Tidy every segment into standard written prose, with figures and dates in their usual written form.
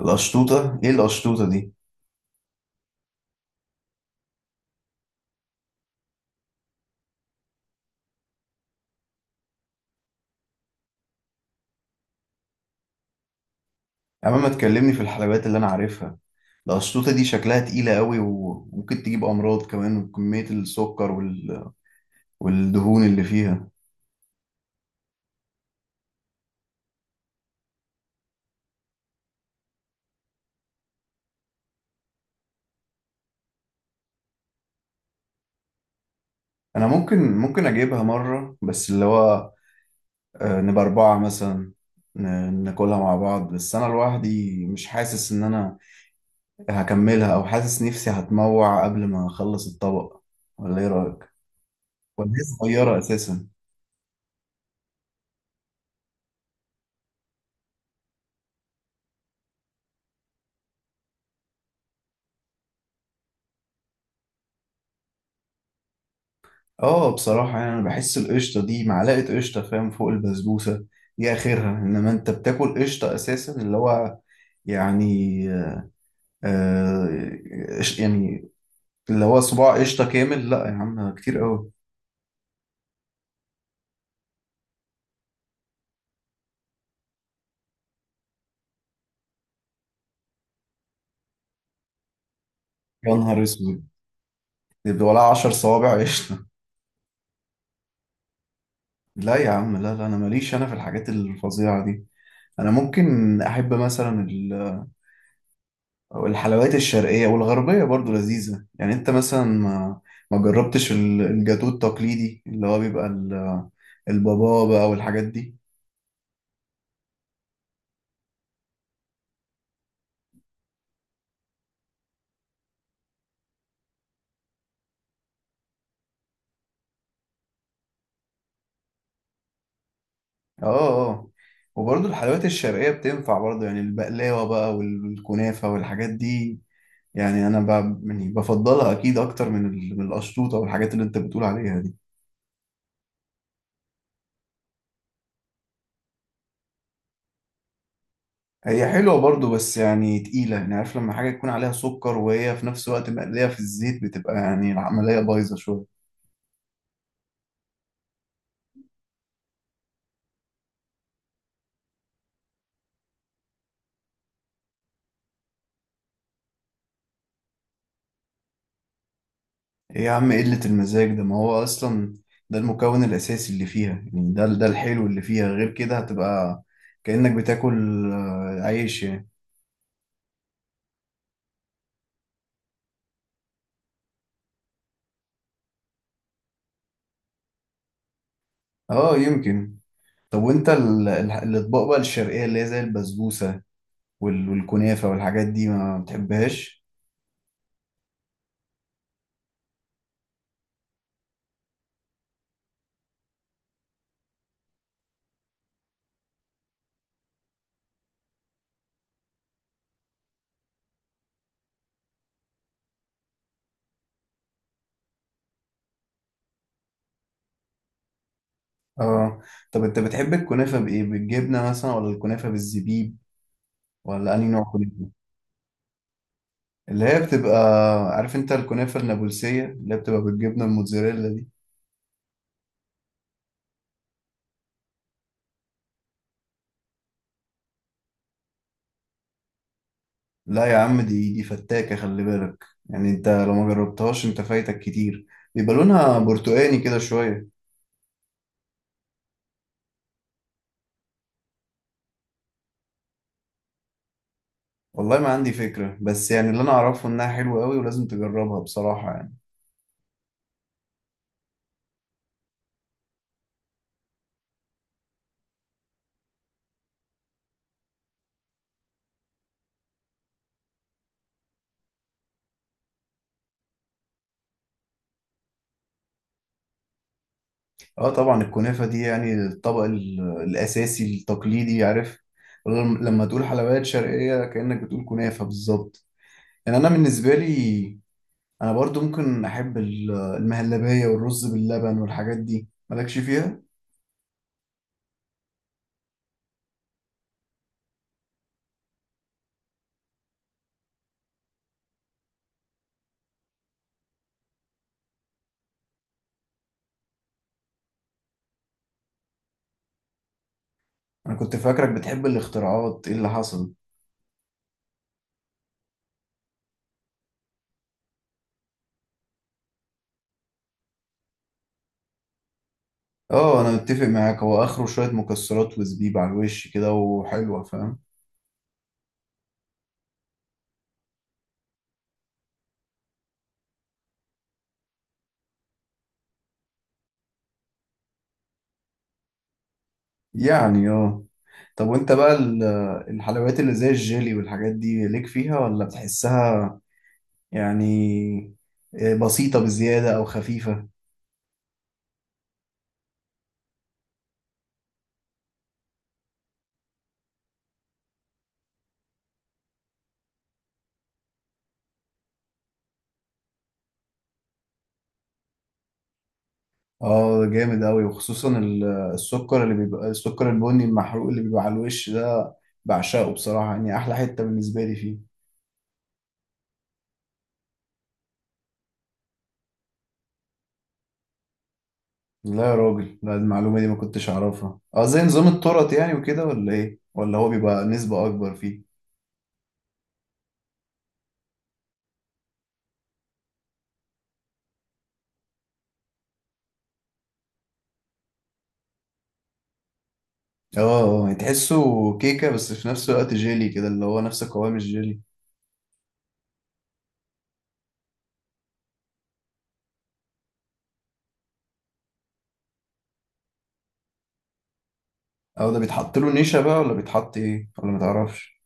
القشطوطة؟ ايه القشطوطة دي؟ يا عم ما تكلمني في الحلويات اللي انا عارفها. القشطوطة دي شكلها تقيلة قوي وممكن تجيب امراض كمان، وكمية السكر وال... والدهون اللي فيها. انا ممكن اجيبها مرة، بس اللي هو نبقى اربعة مثلا، ناكلها مع بعض. بس انا لوحدي مش حاسس ان انا هكملها، او حاسس نفسي هتموع قبل ما اخلص الطبق. ولا ايه رأيك؟ ولا هي صغيرة اساسا؟ اه، بصراحة يعني انا بحس القشطة دي معلقة قشطة، فاهم، فوق البسبوسة دي اخرها. انما انت بتاكل قشطة اساسا، اللي هو يعني، آه يعني اللي هو صباع قشطة كامل. لا يا عم، كتير قوي. يا نهار اسود! يبقى ولا عشر صوابع قشطة؟ لا يا عم، لا لا، انا ماليش انا في الحاجات الفظيعة دي. انا ممكن احب مثلا، والحلويات الشرقية والغربية برضو لذيذة. يعني انت مثلا ما جربتش الجاتو التقليدي، اللي هو بيبقى البابا بقى والحاجات دي. اه، اه، آه. وبرضو الحلويات الشرقية بتنفع برضو، يعني البقلاوة بقى والكنافة والحاجات دي. يعني انا يعني بفضلها اكيد اكتر من من القشطوطة والحاجات اللي انت بتقول عليها دي. هي حلوة برضو، بس يعني تقيلة. يعني عارف، لما حاجة يكون عليها سكر وهي في نفس الوقت مقلية في الزيت، بتبقى يعني العملية بايظة شوية. ايه يا عم إيه قلة المزاج ده؟ ما هو اصلا ده المكون الاساسي اللي فيها، يعني ده ده الحلو اللي فيها. غير كده هتبقى كأنك بتاكل عيش يعني. اه يمكن. طب وانت الاطباق بقى الشرقية اللي هي زي البسبوسة والكنافة والحاجات دي، ما بتحبهاش؟ اه. طب انت بتحب الكنافة بايه؟ بالجبنة مثلا ولا الكنافة بالزبيب؟ ولا انهي نوع كنافة؟ اللي هي بتبقى، عارف انت الكنافة النابلسية اللي هي بتبقى بالجبنة الموتزاريلا دي؟ لا يا عم، دي فتاكة، خلي بالك. يعني انت لو ما جربتهاش انت فايتك كتير. بيبقى لونها برتقاني كده شوية. والله ما عندي فكرة، بس يعني اللي انا اعرفه انها حلوة قوي ولازم تجربها بصراحة يعني. اه طبعا الكنافة دي يعني الطبق الاساسي التقليدي، عارف. لما تقول حلويات شرقية كأنك بتقول كنافة بالظبط. يعني انا بالنسبة لي، انا برضو ممكن احب المهلبية والرز باللبن والحاجات دي. مالكش فيها؟ انا كنت فاكرك بتحب الاختراعات، ايه اللي حصل؟ اه انا متفق معاك. هو اخره شوية مكسرات وزبيب على الوش كده وحلوة، فاهم. يعني اه. طب وانت بقى الحلويات اللي زي الجيلي والحاجات دي، ليك فيها ولا بتحسها يعني بسيطة بزيادة او خفيفة؟ اه جامد اوي، وخصوصا السكر اللي بيبقى، السكر البني المحروق اللي بيبقى على الوش ده، بعشقه بصراحة. يعني احلى حتة بالنسبة لي فيه. لا يا راجل، لا، المعلومة دي ما كنتش اعرفها. اه زي نظام الطرط يعني وكده ولا ايه؟ ولا هو بيبقى نسبة اكبر فيه؟ اه اه، يعني تحسه كيكة بس في نفس الوقت جيلي كده، اللي هو نفس قوام الجيلي. او ده بيتحط له نشا بقى، ولا بيتحط ايه، ولا متعرفش؟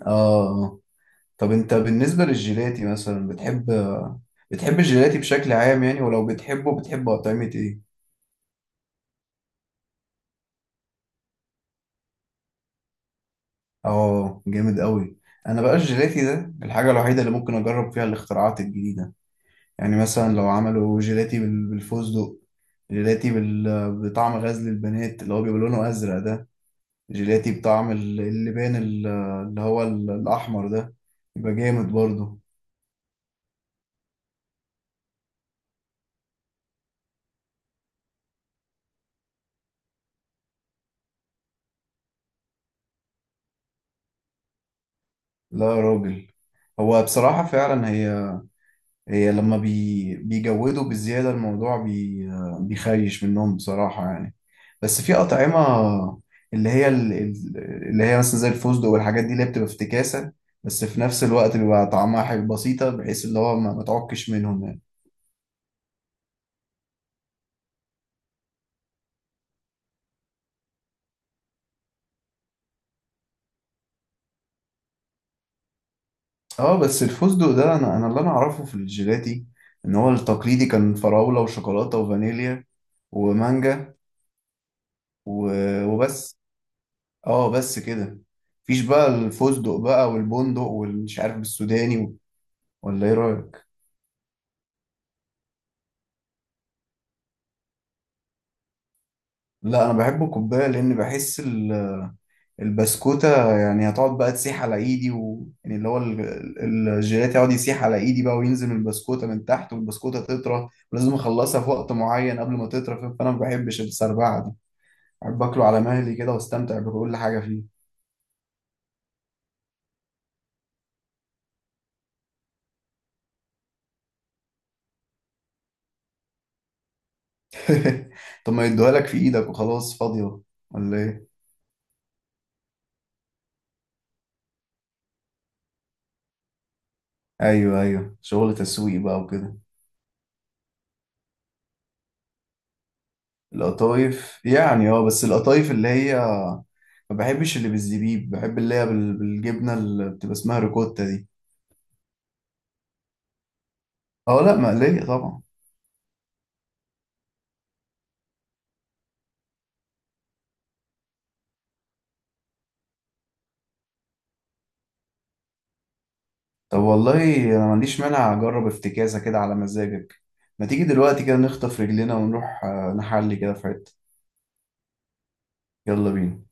اه اه. طب انت بالنسبة للجيلاتي مثلا، بتحب بتحب الجيلاتي بشكل عام يعني؟ ولو بتحبه بتحب اطعمة ايه؟ اه جامد قوي. انا بقى الجيلاتي ده الحاجة الوحيدة اللي ممكن اجرب فيها الاختراعات الجديدة. يعني مثلا لو عملوا جيلاتي بالفستق، جيلاتي بطعم غزل البنات اللي هو بيبقى لونه ازرق ده، جيلاتي بطعم اللبان اللي هو الأحمر ده، يبقى جامد برضه. لا يا راجل، هو بصراحة فعلا هي، هي لما بيجودوا بزيادة الموضوع، بيخيش منهم بصراحة يعني. بس في أطعمة اللي هي اللي هي مثلا زي الفستق والحاجات دي، اللي هي بتبقى افتكاسة، بس في نفس الوقت بيبقى طعمها حلو بسيطة، بحيث اللي هو ما تعكش منهم يعني. اه بس الفستق ده، انا اللي انا اعرفه في الجيلاتي ان هو التقليدي كان فراولة وشوكولاتة وفانيليا ومانجا وبس. اه بس كده. مفيش بقى الفستق بقى والبندق والمش عارف السوداني ولا ايه رأيك؟ لا انا بحبه كوباية، لان بحس البسكوتة يعني هتقعد بقى تسيح على ايدي و... يعني اللي هو الجيلاتي يقعد يسيح على ايدي بقى وينزل من البسكوتة من تحت، والبسكوتة تطرى، ولازم اخلصها في وقت معين قبل ما تطرى، فانا ما بحبش السربعة دي. أحب أكله على مهلي كده وأستمتع بكل حاجة فيه. طب ما يدوها لك في إيدك وخلاص، فاضية ولا إيه؟ أيوه أيوه، شغل تسويق بقى وكده. القطايف يعني اه، بس القطايف اللي هي، ما بحبش اللي بالزبيب، بحب اللي هي بالجبنة اللي بتبقى اسمها ريكوتا دي. اه لا، مقلية طبعا. طب والله أنا ما عنديش مانع أجرب افتكاسة كده على مزاجك. ما تيجي دلوقتي كده نخطف رجلنا ونروح نحلي كده في حتة. يلا بينا.